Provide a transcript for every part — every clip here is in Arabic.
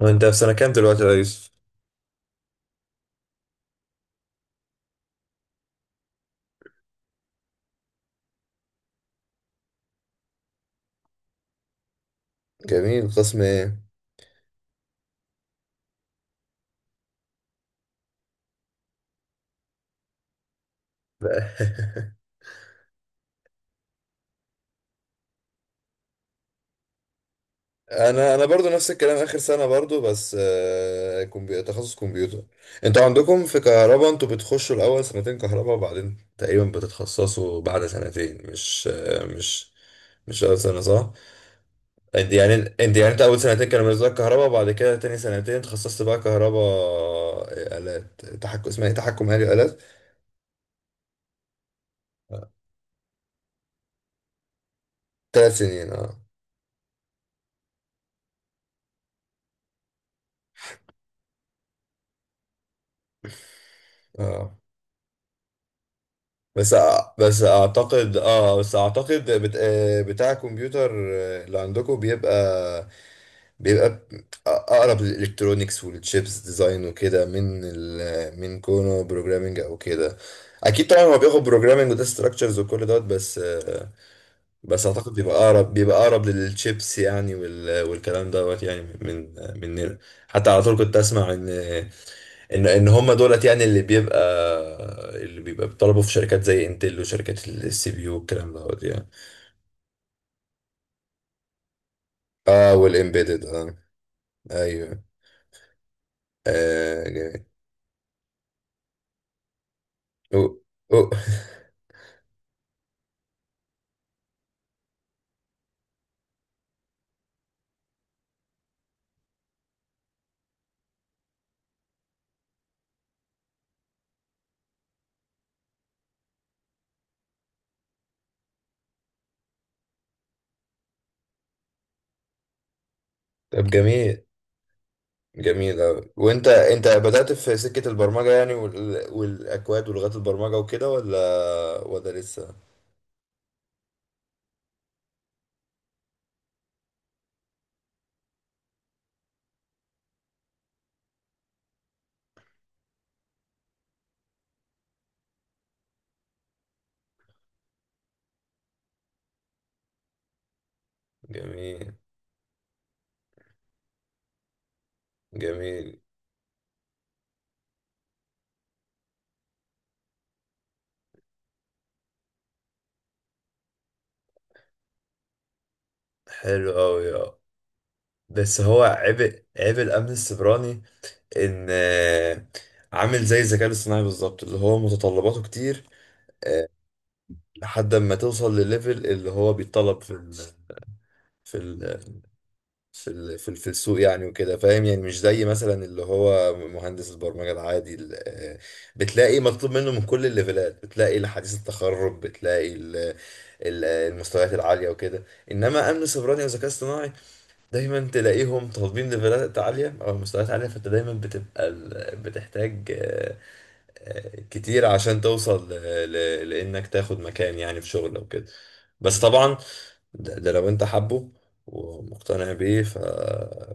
وانت في سنة كام دلوقتي يا يوسف؟ جميل، قسم ايه؟ لا. انا برضو نفس الكلام، اخر سنه برضو، بس تخصص كمبيوتر. انتوا عندكم في كهرباء، انتوا بتخشوا الاول سنتين كهرباء، وبعدين تقريبا بتتخصصوا بعد سنتين. مش مش اول سنه، صح؟ انت يعني انت اول سنتين كانوا بالنسبه لك كهرباء، وبعد كده تاني سنتين تخصصت بقى كهرباء، آلات تحكم. اسمها ايه؟ تحكم آلي، آلات. ثلاث سنين، اه. اه، بس اعتقد، بس اعتقد بت... آه، بتاع الكمبيوتر اللي عندكم بيبقى، بيبقى اقرب للالكترونيكس والتشيبس ديزاين وكده، من كونه بروجرامنج او كده. اكيد طبعا هو بياخد بروجرامنج وده ستراكشرز وكل دوت، بس بس اعتقد بيبقى اقرب للتشيبس يعني، والكلام دوت يعني. من حتى على طول كنت اسمع ان هم دولت يعني اللي بيبقى بيطلبوا في شركات زي انتل، وشركات السي بي يو والكلام دوت يعني. اه، والامبيدد، اه، ايوه. جميل. أو، أو. طب جميل. جميل أوي. وانت بدأت في سكة البرمجة يعني، والاكواد ولغات البرمجة وكده، ولا لسه؟ جميل. جميل، حلو أوي آه. بس هو عيب، عيب الامن السيبراني، ان عامل زي الذكاء الاصطناعي بالظبط. اللي هو متطلباته كتير آه، لحد ما توصل لليفل اللي هو بيتطلب في ال في السوق يعني وكده، فاهم؟ يعني مش زي مثلا اللي هو مهندس البرمجة العادي، بتلاقي مطلوب منه من كل الليفلات، بتلاقي لحديث التخرج، بتلاقي المستويات العالية وكده. انما امن سيبراني وذكاء اصطناعي، دايما تلاقيهم طالبين ليفلات عالية أو مستويات عالية، فأنت دايما بتبقى بتحتاج كتير عشان توصل لإنك تاخد مكان يعني في شغل أو كده. بس طبعا، ده لو أنت حابه ومقتنع بيه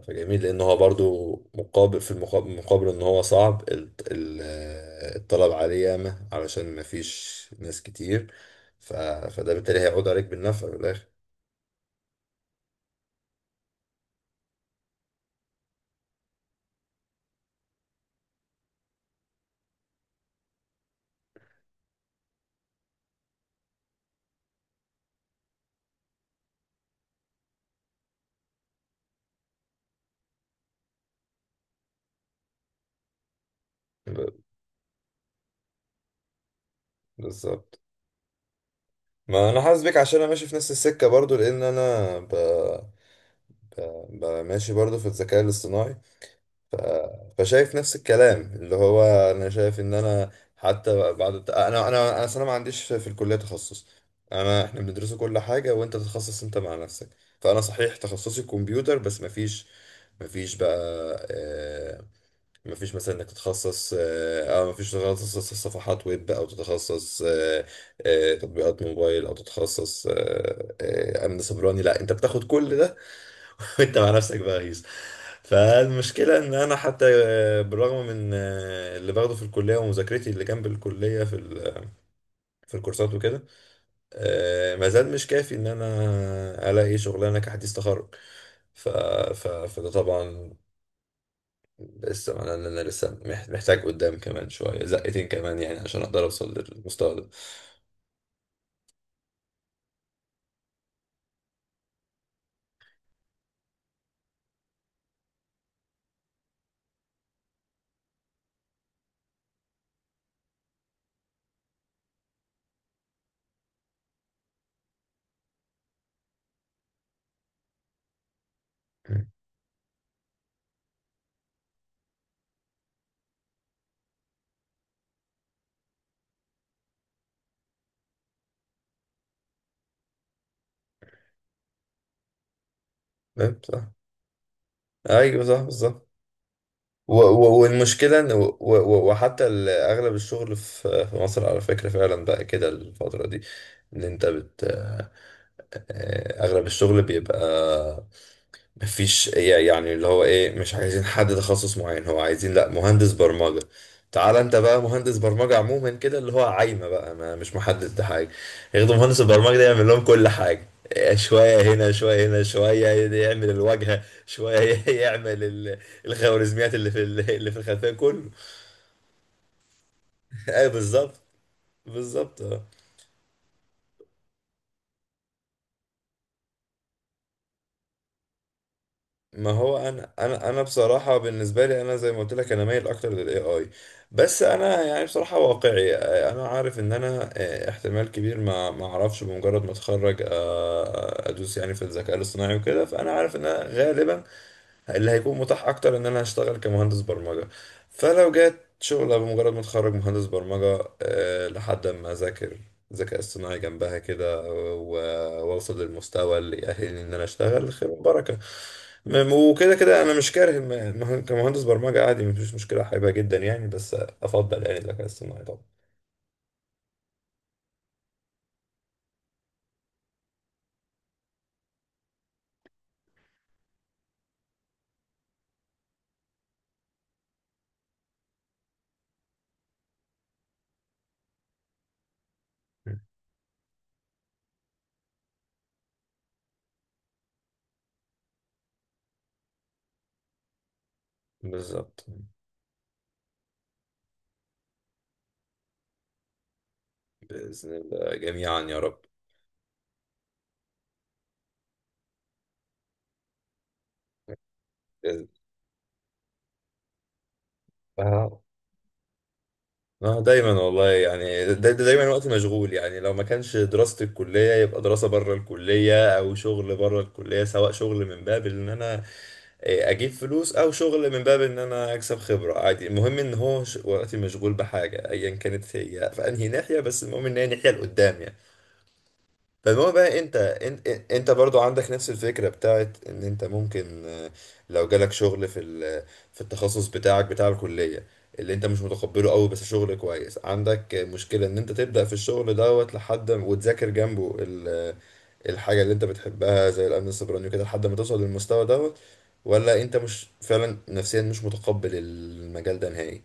فجميل. لأن هو برضو مقابل، في المقابل، مقابل إن هو صعب، الطلب عليه ياما علشان مفيش ناس كتير، ف... فده بالتالي هيعود عليك بالنفع في الآخر. ب- بالظبط. ما انا حاسس بيك عشان انا ماشي في نفس السكه برضو، لان انا، ب... ماشي برضو في الذكاء الاصطناعي. فشايف نفس الكلام اللي هو، انا شايف ان انا حتى بعد انا انا انا أصل انا ما عنديش في الكليه تخصص. انا، احنا بندرسه كل حاجه، وانت تتخصص انت مع نفسك. فانا صحيح تخصصي كمبيوتر، بس ما فيش بقى آه، مفيش مثلا انك تتخصص، مفيش تتخصص صفحات ويب، او تتخصص تطبيقات موبايل، او تتخصص امن سيبراني. لا، انت بتاخد كل ده وانت مع نفسك بقى، غيظ. فالمشكله ان انا حتى بالرغم من اللي باخده في الكليه ومذاكرتي اللي جنب الكليه في الكورسات وكده، ما زال مش كافي ان انا الاقي شغلانه كحديث تخرج. فده طبعا. لسه، ما انا لسه محتاج قدام كمان شويه، زقتين كمان يعني عشان اقدر اوصل للمستوى ده. فاهم؟ صح. ايوه، صح بالظبط. والمشكله ان، وحتى اغلب الشغل في مصر على فكره، فعلا بقى كده الفتره دي ان انت بت آه، آه، اغلب الشغل بيبقى مفيش يعني. اللي هو ايه، مش عايزين حد تخصص معين، هو عايزين لا، مهندس برمجة. تعال انت بقى مهندس برمجة عموما كده، اللي هو عايمة بقى، ما مش محدد حاجة. ياخدوا مهندس البرمجة ده يعمل لهم كل حاجة. إيه، شوية هنا، شوية هنا، شوية يعمل الواجهة، شوية يعمل الخوارزميات اللي في الخلفية كله. ايه، بالظبط. بالظبط آه. ما هو، انا بصراحه بالنسبه لي، انا زي ما قلت لك، انا مايل اكتر للاي اي. بس انا يعني بصراحه واقعي، انا عارف ان انا احتمال كبير ما اعرفش بمجرد ما اتخرج ادوس يعني في الذكاء الاصطناعي وكده. فانا عارف ان انا غالبا اللي هيكون متاح اكتر ان انا هشتغل كمهندس برمجة. فلو جت شغلة بمجرد ما اتخرج مهندس برمجة، لحد ما اذاكر ذكاء اصطناعي جنبها كده، واوصل للمستوى اللي يأهلني ان انا اشتغل، خير وبركة. وكده كده انا مش كاره كمهندس برمجة عادي، مفيش مشكلة. حاببها جدا يعني، بس افضل يعني الذكاء الاصطناعي طبعا. بالظبط. بإذن الله جميعا، يا رب. بإذن-. اه، دايما والله يعني. دايما وقت مشغول يعني. لو ما كانش دراسة الكلية، يبقى دراسة بره الكلية، او شغل بره الكلية، سواء شغل من باب ان انا إيه، اجيب فلوس، او شغل من باب ان انا اكسب خبرة، عادي. المهم ان هو وقتي مشغول بحاجة ايا كانت هي في انهي ناحية، بس المهم ان هي ناحية لقدام يعني. فالمهم بقى، انت برضو عندك نفس الفكرة بتاعت ان انت ممكن لو جالك شغل في التخصص بتاعك بتاع الكلية، اللي انت مش متقبله قوي، بس شغل كويس، عندك مشكلة ان انت تبدأ في الشغل دوت لحد وتذاكر جنبه الحاجة اللي انت بتحبها زي الامن السيبراني وكده، لحد ما توصل للمستوى دوت؟ ولا انت مش فعلا نفسيا مش متقبل المجال ده نهائي؟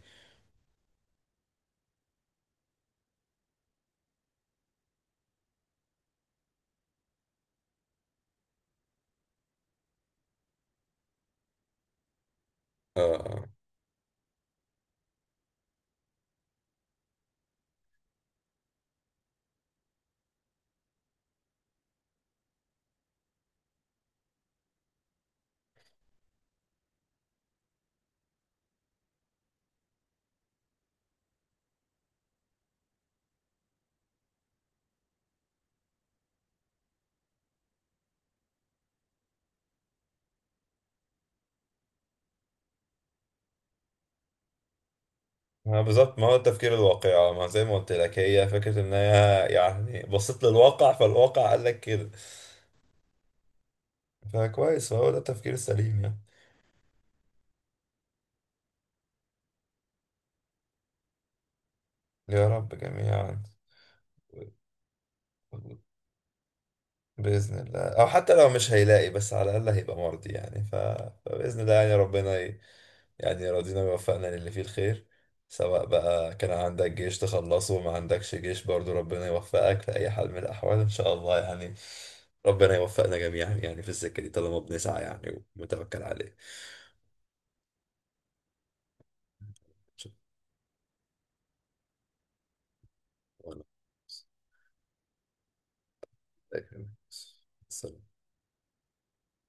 اه. ما بالظبط، ما هو التفكير الواقعي، ما زي ما قلت لك هي فكرة ان هي يعني بصيت للواقع، فالواقع قال لك كده. فكويس، هو ده التفكير السليم يعني. يا رب جميعا. بإذن الله. أو حتى لو مش هيلاقي، بس على الأقل هيبقى مرضي يعني فبإذن الله يعني. ربنا يعني يرضينا ويوفقنا للي فيه الخير. سواء بقى كان عندك جيش تخلصه، وما عندكش جيش، برضو ربنا يوفقك في أي حال من الأحوال، إن شاء الله يعني. ربنا يوفقنا جميعا يعني في السكة دي، طالما بنسعى يعني ومتوكل عليه. شكراً.